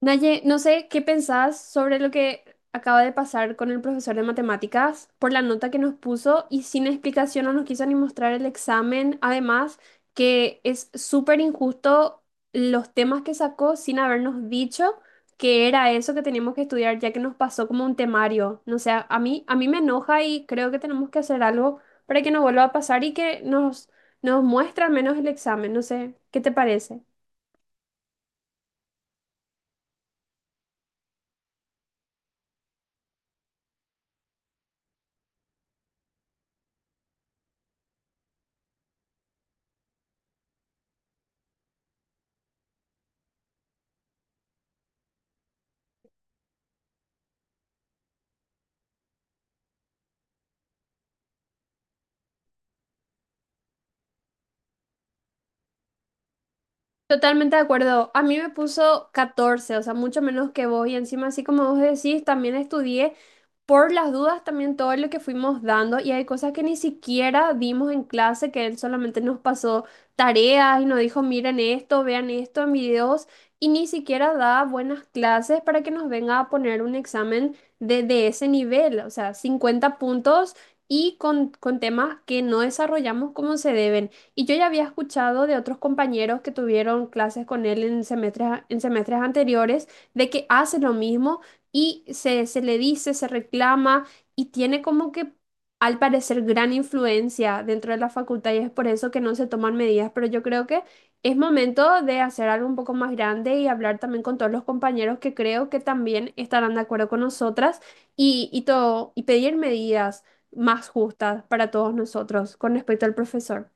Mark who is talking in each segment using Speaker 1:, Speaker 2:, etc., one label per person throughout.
Speaker 1: Naye, no sé qué pensás sobre lo que acaba de pasar con el profesor de matemáticas por la nota que nos puso y sin explicación no nos quiso ni mostrar el examen. Además, que es súper injusto los temas que sacó sin habernos dicho que era eso que teníamos que estudiar, ya que nos pasó como un temario. No sé, a mí me enoja y creo que tenemos que hacer algo para que no vuelva a pasar y que nos muestre al menos el examen. No sé, ¿qué te parece? Totalmente de acuerdo. A mí me puso 14, o sea, mucho menos que vos. Y encima, así como vos decís, también estudié por las dudas también todo lo que fuimos dando. Y hay cosas que ni siquiera dimos en clase, que él solamente nos pasó tareas y nos dijo, miren esto, vean esto en videos. Y ni siquiera da buenas clases para que nos venga a poner un examen de ese nivel, o sea, 50 puntos y con temas que no desarrollamos como se deben. Y yo ya había escuchado de otros compañeros que tuvieron clases con él en en semestres anteriores de que hace lo mismo y se le dice, se reclama y tiene como que al parecer gran influencia dentro de la facultad y es por eso que no se toman medidas. Pero yo creo que es momento de hacer algo un poco más grande y hablar también con todos los compañeros que creo que también estarán de acuerdo con nosotras y todo, y pedir medidas más justas para todos nosotros con respecto al profesor.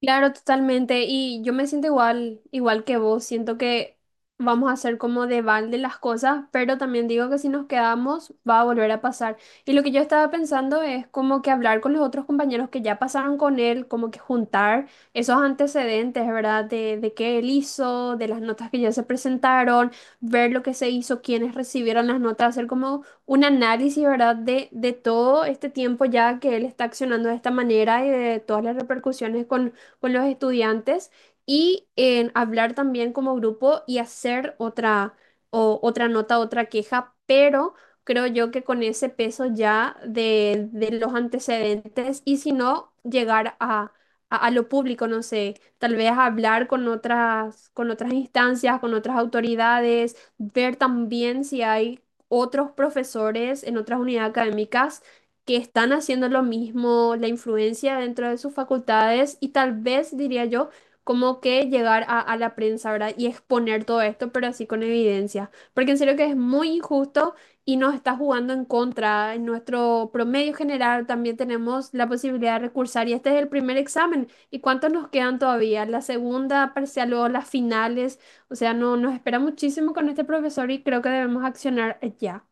Speaker 1: Claro, totalmente. Y yo me siento igual, igual que vos. Siento que vamos a hacer como de balde las cosas, pero también digo que si nos quedamos va a volver a pasar. Y lo que yo estaba pensando es como que hablar con los otros compañeros que ya pasaron con él, como que juntar esos antecedentes, ¿verdad? De qué él hizo, de las notas que ya se presentaron, ver lo que se hizo, quiénes recibieron las notas, hacer como un análisis, ¿verdad? De todo este tiempo ya que él está accionando de esta manera y de todas las repercusiones con los estudiantes y en hablar también como grupo y hacer otra nota, otra queja, pero creo yo que con ese peso ya de los antecedentes y si no, llegar a lo público, no sé, tal vez hablar con con otras instancias, con otras autoridades, ver también si hay otros profesores en otras unidades académicas que están haciendo lo mismo, la influencia dentro de sus facultades y tal vez, diría yo, como que llegar a la prensa, ¿verdad? Y exponer todo esto, pero así con evidencia. Porque en serio que es muy injusto y nos está jugando en contra. En nuestro promedio general también tenemos la posibilidad de recursar y este es el primer examen. ¿Y cuántos nos quedan todavía? La segunda parcial, luego las finales. O sea, no, nos espera muchísimo con este profesor y creo que debemos accionar ya.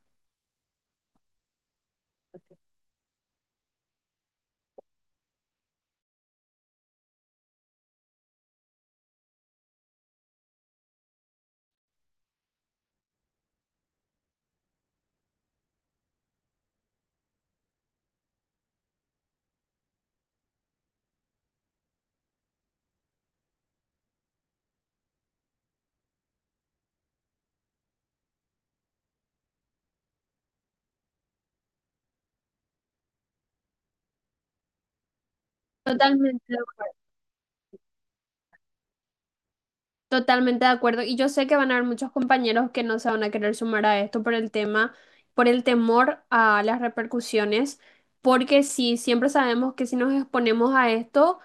Speaker 1: Totalmente, de- acu- totalmente de acuerdo. Y yo sé que van a haber muchos compañeros que no se van a querer sumar a esto por el tema, por el temor a las repercusiones, porque sí, siempre sabemos que si nos exponemos a esto,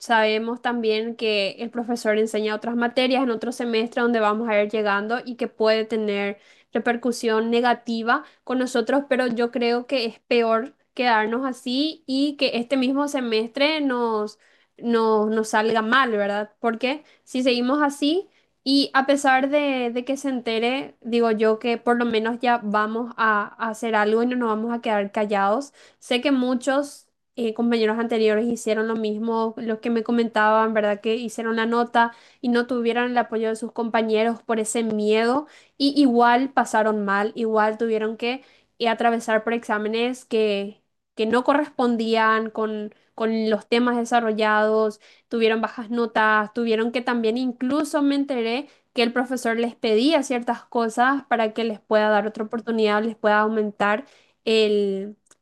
Speaker 1: sabemos también que el profesor enseña otras materias en otro semestre donde vamos a ir llegando y que puede tener repercusión negativa con nosotros, pero yo creo que es peor quedarnos así y que este mismo semestre nos salga mal, ¿verdad? Porque si seguimos así y a pesar de que se entere, digo yo que por lo menos ya vamos a hacer algo y no nos vamos a quedar callados. Sé que muchos compañeros anteriores hicieron lo mismo, los que me comentaban, ¿verdad? Que hicieron la nota y no tuvieron el apoyo de sus compañeros por ese miedo y igual pasaron mal, igual tuvieron que atravesar por que no correspondían con los temas desarrollados, tuvieron bajas notas, tuvieron que también incluso me enteré que el profesor les pedía ciertas cosas para que les pueda dar otra oportunidad, les pueda aumentar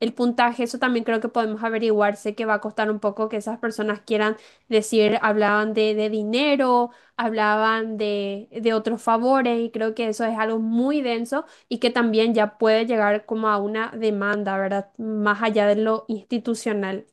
Speaker 1: el puntaje, eso también creo que podemos averiguar. Sé que va a costar un poco que esas personas quieran decir, hablaban de dinero, hablaban de otros favores y creo que eso es algo muy denso y que también ya puede llegar como a una demanda, ¿verdad? Más allá de lo institucional.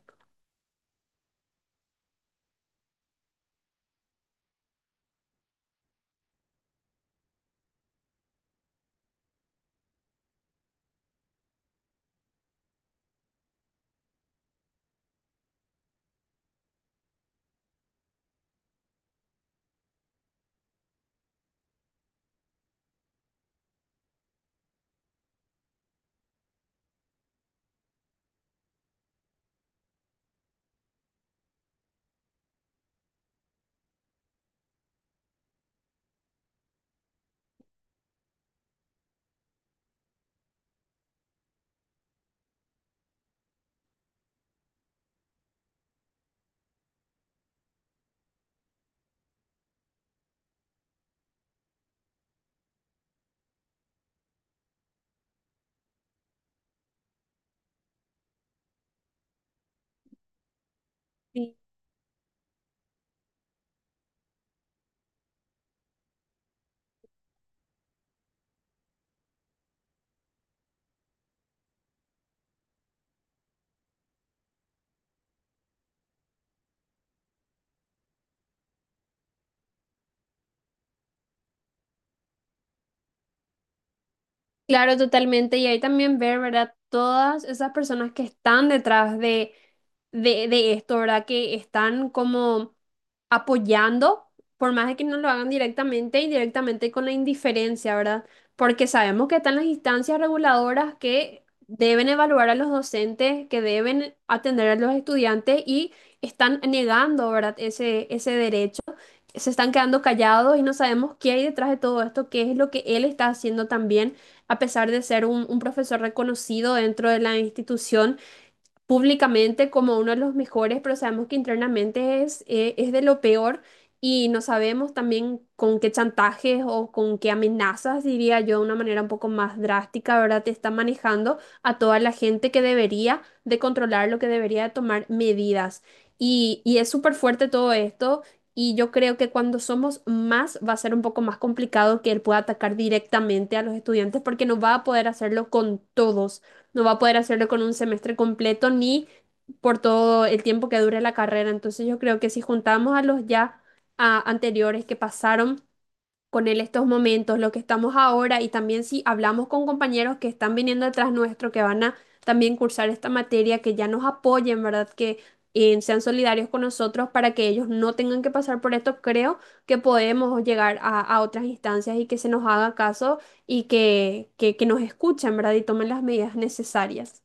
Speaker 1: Sí, claro, totalmente. Y ahí también ver, ¿verdad? Todas esas personas que están detrás de esto, ¿verdad? Que están como apoyando, por más de que no lo hagan directamente, indirectamente con la indiferencia, ¿verdad? Porque sabemos que están las instancias reguladoras que deben evaluar a los docentes, que deben atender a los estudiantes y están negando, ¿verdad? Ese derecho se están quedando callados y no sabemos qué hay detrás de todo esto, qué es lo que él está haciendo también, a pesar de ser un profesor reconocido dentro de la institución públicamente como uno de los mejores, pero sabemos que internamente es de lo peor y no sabemos también con qué chantajes o con qué amenazas, diría yo, de una manera un poco más drástica, ¿verdad? Te está manejando a toda la gente que debería de controlar, lo que debería de tomar medidas. Y es súper fuerte todo esto. Y yo creo que cuando somos más va a ser un poco más complicado que él pueda atacar directamente a los estudiantes porque no va a poder hacerlo con todos, no va a poder hacerlo con un semestre completo ni por todo el tiempo que dure la carrera. Entonces yo creo que si juntamos a anteriores que pasaron con él estos momentos, lo que estamos ahora y también si hablamos con compañeros que están viniendo detrás nuestro, que van a también cursar esta materia, que ya nos apoyen, ¿verdad? Que sean solidarios con nosotros para que ellos no tengan que pasar por esto, creo que podemos llegar a otras instancias y que se nos haga caso y que nos escuchen, ¿verdad? Y tomen las medidas necesarias.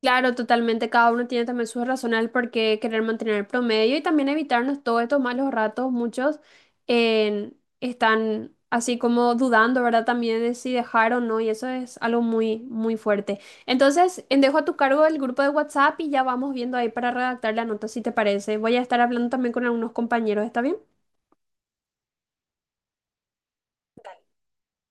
Speaker 1: Claro, totalmente. Cada uno tiene también sus razones por qué querer mantener el promedio y también evitarnos todos estos malos ratos. Muchos están así como dudando, ¿verdad? También de si dejar o no y eso es algo muy, muy fuerte. Entonces, dejo a tu cargo el grupo de WhatsApp y ya vamos viendo ahí para redactar la nota, si te parece. Voy a estar hablando también con algunos compañeros, ¿está bien?